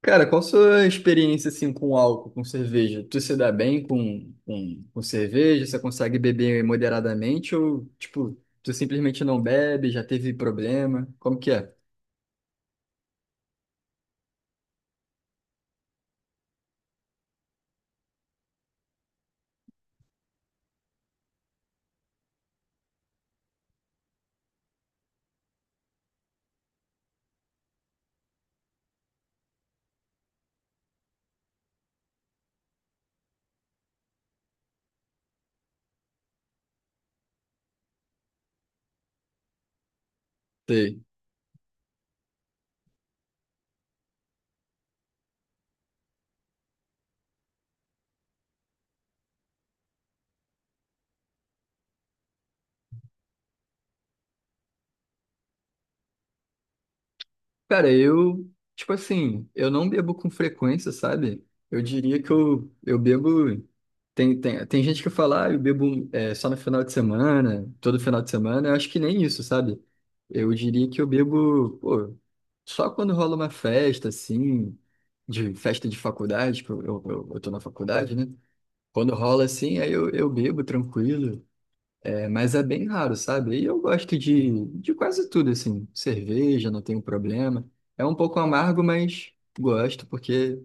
Cara, qual a sua experiência assim com álcool, com cerveja? Tu se dá bem com cerveja? Você consegue beber moderadamente ou tipo, tu simplesmente não bebe, já teve problema? Como que é? Sei. Cara, eu, tipo assim, eu não bebo com frequência, sabe? Eu diria que eu bebo. Tem gente que fala, ah, eu bebo só no final de semana, todo final de semana. Eu acho que nem isso, sabe? Eu diria que eu bebo, pô, só quando rola uma festa, assim, de festa de faculdade, que eu tô na faculdade, né? Quando rola assim, aí eu bebo tranquilo. É, mas é bem raro, sabe? E eu gosto de quase tudo, assim. Cerveja, não tenho problema. É um pouco amargo, mas gosto, porque,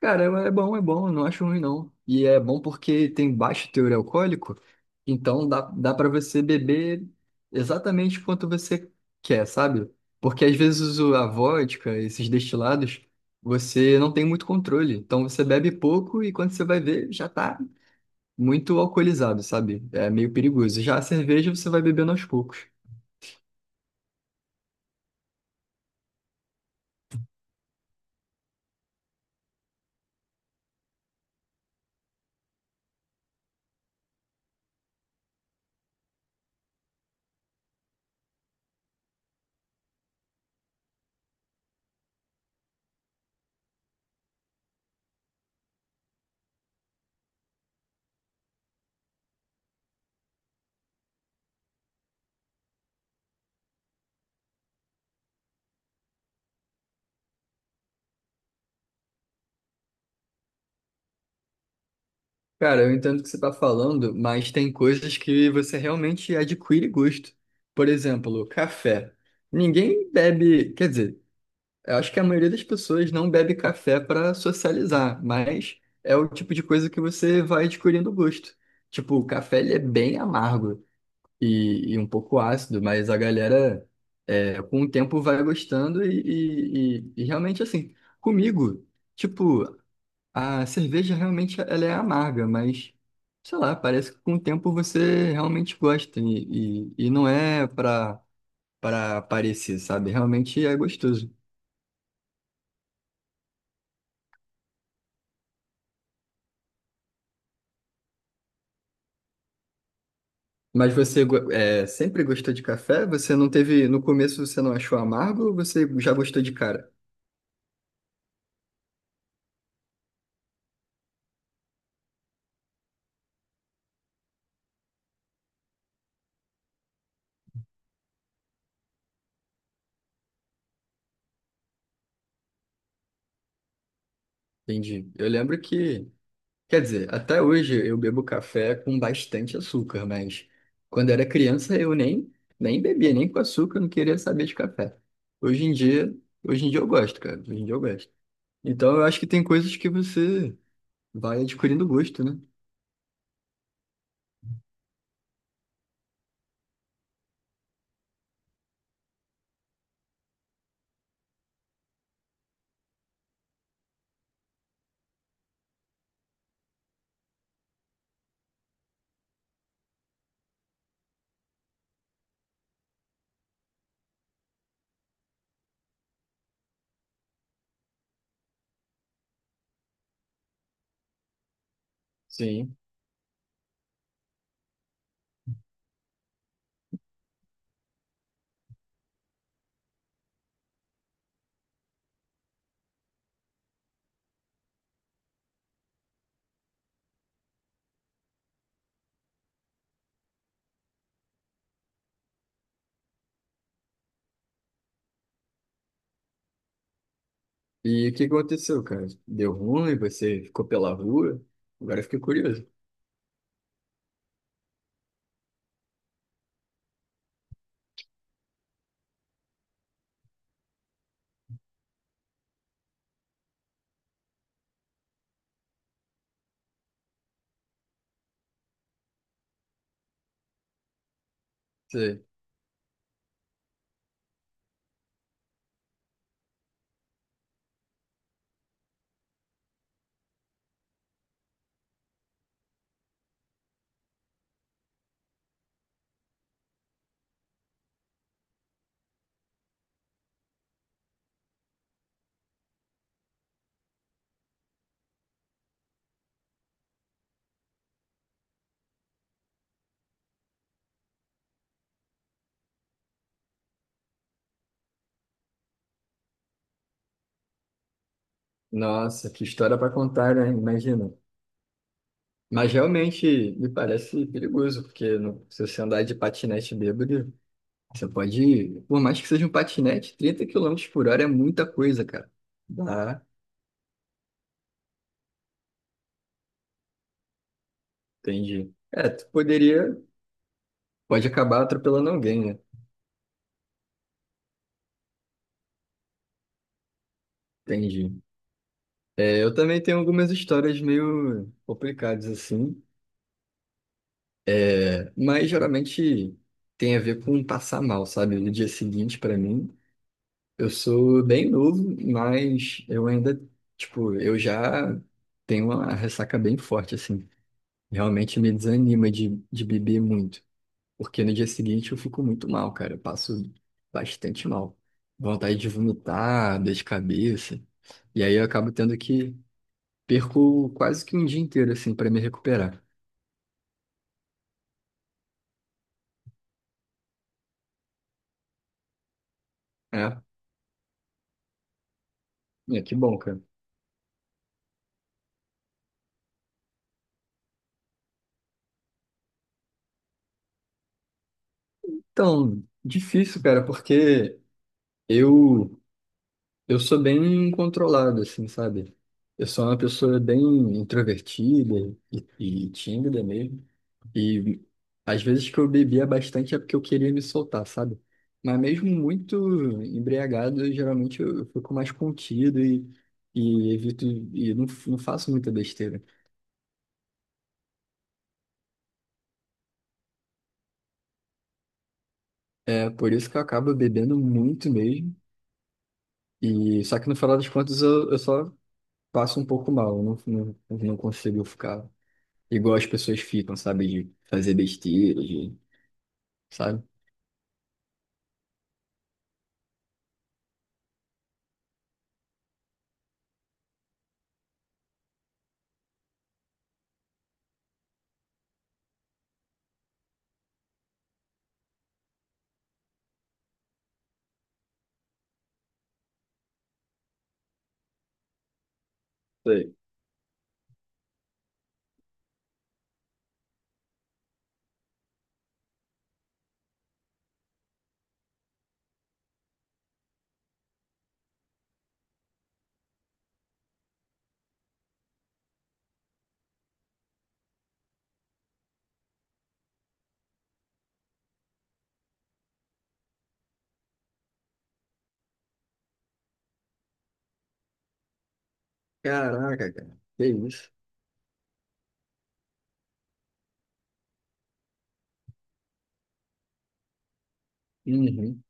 cara, é bom, é bom, não acho ruim, não. E é bom porque tem baixo teor alcoólico, então dá para você beber exatamente quanto você quer, sabe? Porque às vezes a vodka, esses destilados, você não tem muito controle. Então você bebe pouco e quando você vai ver, já tá muito alcoolizado, sabe? É meio perigoso. Já a cerveja você vai bebendo aos poucos. Cara, eu entendo o que você tá falando, mas tem coisas que você realmente adquire gosto. Por exemplo, café. Ninguém bebe, quer dizer, eu acho que a maioria das pessoas não bebe café para socializar, mas é o tipo de coisa que você vai adquirindo gosto. Tipo, o café ele é bem amargo. E um pouco ácido, mas a galera com o tempo vai gostando e realmente assim, comigo, tipo, a cerveja realmente ela é amarga, mas sei lá, parece que com o tempo você realmente gosta e não é pra parecer, sabe? Realmente é gostoso. Mas você sempre gostou de café? Você não teve, no começo você não achou amargo ou você já gostou de cara? Entendi. Eu lembro que Quer dizer, até hoje eu bebo café com bastante açúcar, mas quando era criança eu nem bebia, nem com açúcar, eu não queria saber de café. Hoje em dia, hoje em dia eu gosto, cara. Hoje em dia eu gosto. Então eu acho que tem coisas que você vai adquirindo gosto, né? Sim. E o que que aconteceu, cara? Deu ruim, você ficou pela rua? Agora eu fiquei curioso. Você- Nossa, que história para contar, né? Imagina. Mas realmente me parece perigoso, porque se você andar de patinete bêbado. Você pode, por mais que seja um patinete, 30 quilômetros por hora é muita coisa, cara. Dá, entendi. É, tu poderia, pode acabar atropelando alguém, né? Entendi. É, eu também tenho algumas histórias meio complicadas assim. É, mas geralmente tem a ver com passar mal, sabe? No dia seguinte, pra mim, eu sou bem novo, mas eu ainda, tipo, eu já tenho uma ressaca bem forte, assim. Realmente me desanima de beber muito. Porque no dia seguinte eu fico muito mal, cara. Eu passo bastante mal. Vontade de vomitar, dor de cabeça. E aí eu acabo tendo que perco quase que um dia inteiro, assim, pra me recuperar. É, é que bom, cara. Então, difícil, cara, porque eu Eu sou bem controlado, assim, sabe? Eu sou uma pessoa bem introvertida e tímida mesmo. E às vezes que eu bebia bastante é porque eu queria me soltar, sabe? Mas mesmo muito embriagado, geralmente eu fico mais contido e evito e não faço muita besteira. É por isso que eu acabo bebendo muito mesmo. E só que no final das contas eu só passo um pouco mal, eu não consigo ficar Igual as pessoas ficam, sabe? De fazer besteira, de, sabe? Sei. Caraca, cara. Que isso? Uhum.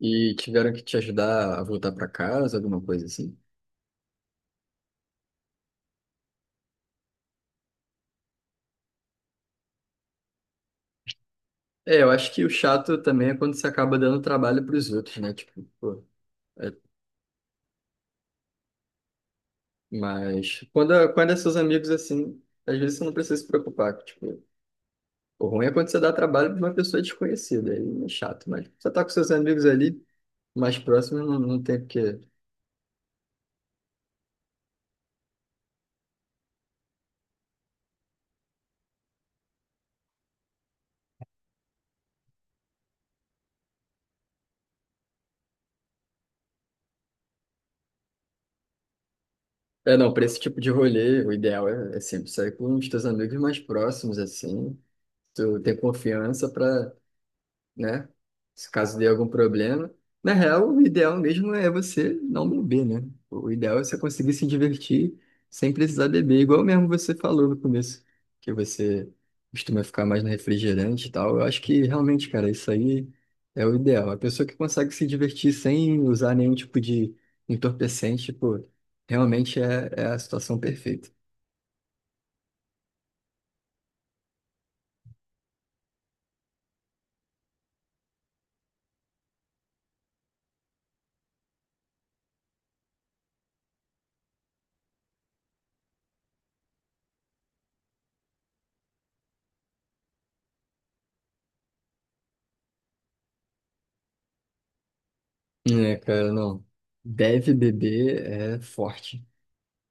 E tiveram que te ajudar a voltar pra casa, alguma coisa assim? É, eu acho que o chato também é quando você acaba dando trabalho pros outros, né? Tipo, pô, é- mas quando é seus amigos assim, às vezes você não precisa se preocupar. Tipo, o ruim é quando você dá trabalho pra uma pessoa desconhecida, aí é chato, mas você tá com seus amigos ali, mais próximos, não tem o que. É, não, para esse tipo de rolê, o ideal é sempre sair com os teus amigos mais próximos, assim. Tu tem confiança para né? Se caso dê algum problema. Na real, o ideal mesmo é você não beber, né? O ideal é você conseguir se divertir sem precisar beber, igual mesmo você falou no começo, que você costuma ficar mais no refrigerante e tal. Eu acho que realmente, cara, isso aí é o ideal. A pessoa que consegue se divertir sem usar nenhum tipo de entorpecente, pô, realmente é a situação perfeita. É, cara, não. Deve beber é forte.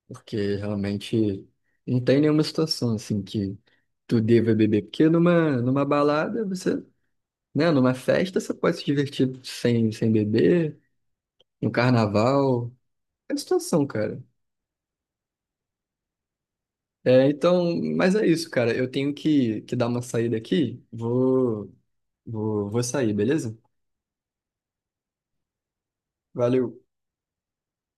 Porque realmente não tem nenhuma situação assim que tu deva beber. Porque numa balada, você, né? Numa festa, você pode se divertir sem beber, no carnaval. É situação, cara. É, então, mas é isso, cara. Eu tenho que dar uma saída aqui. Vou sair, beleza? Valeu.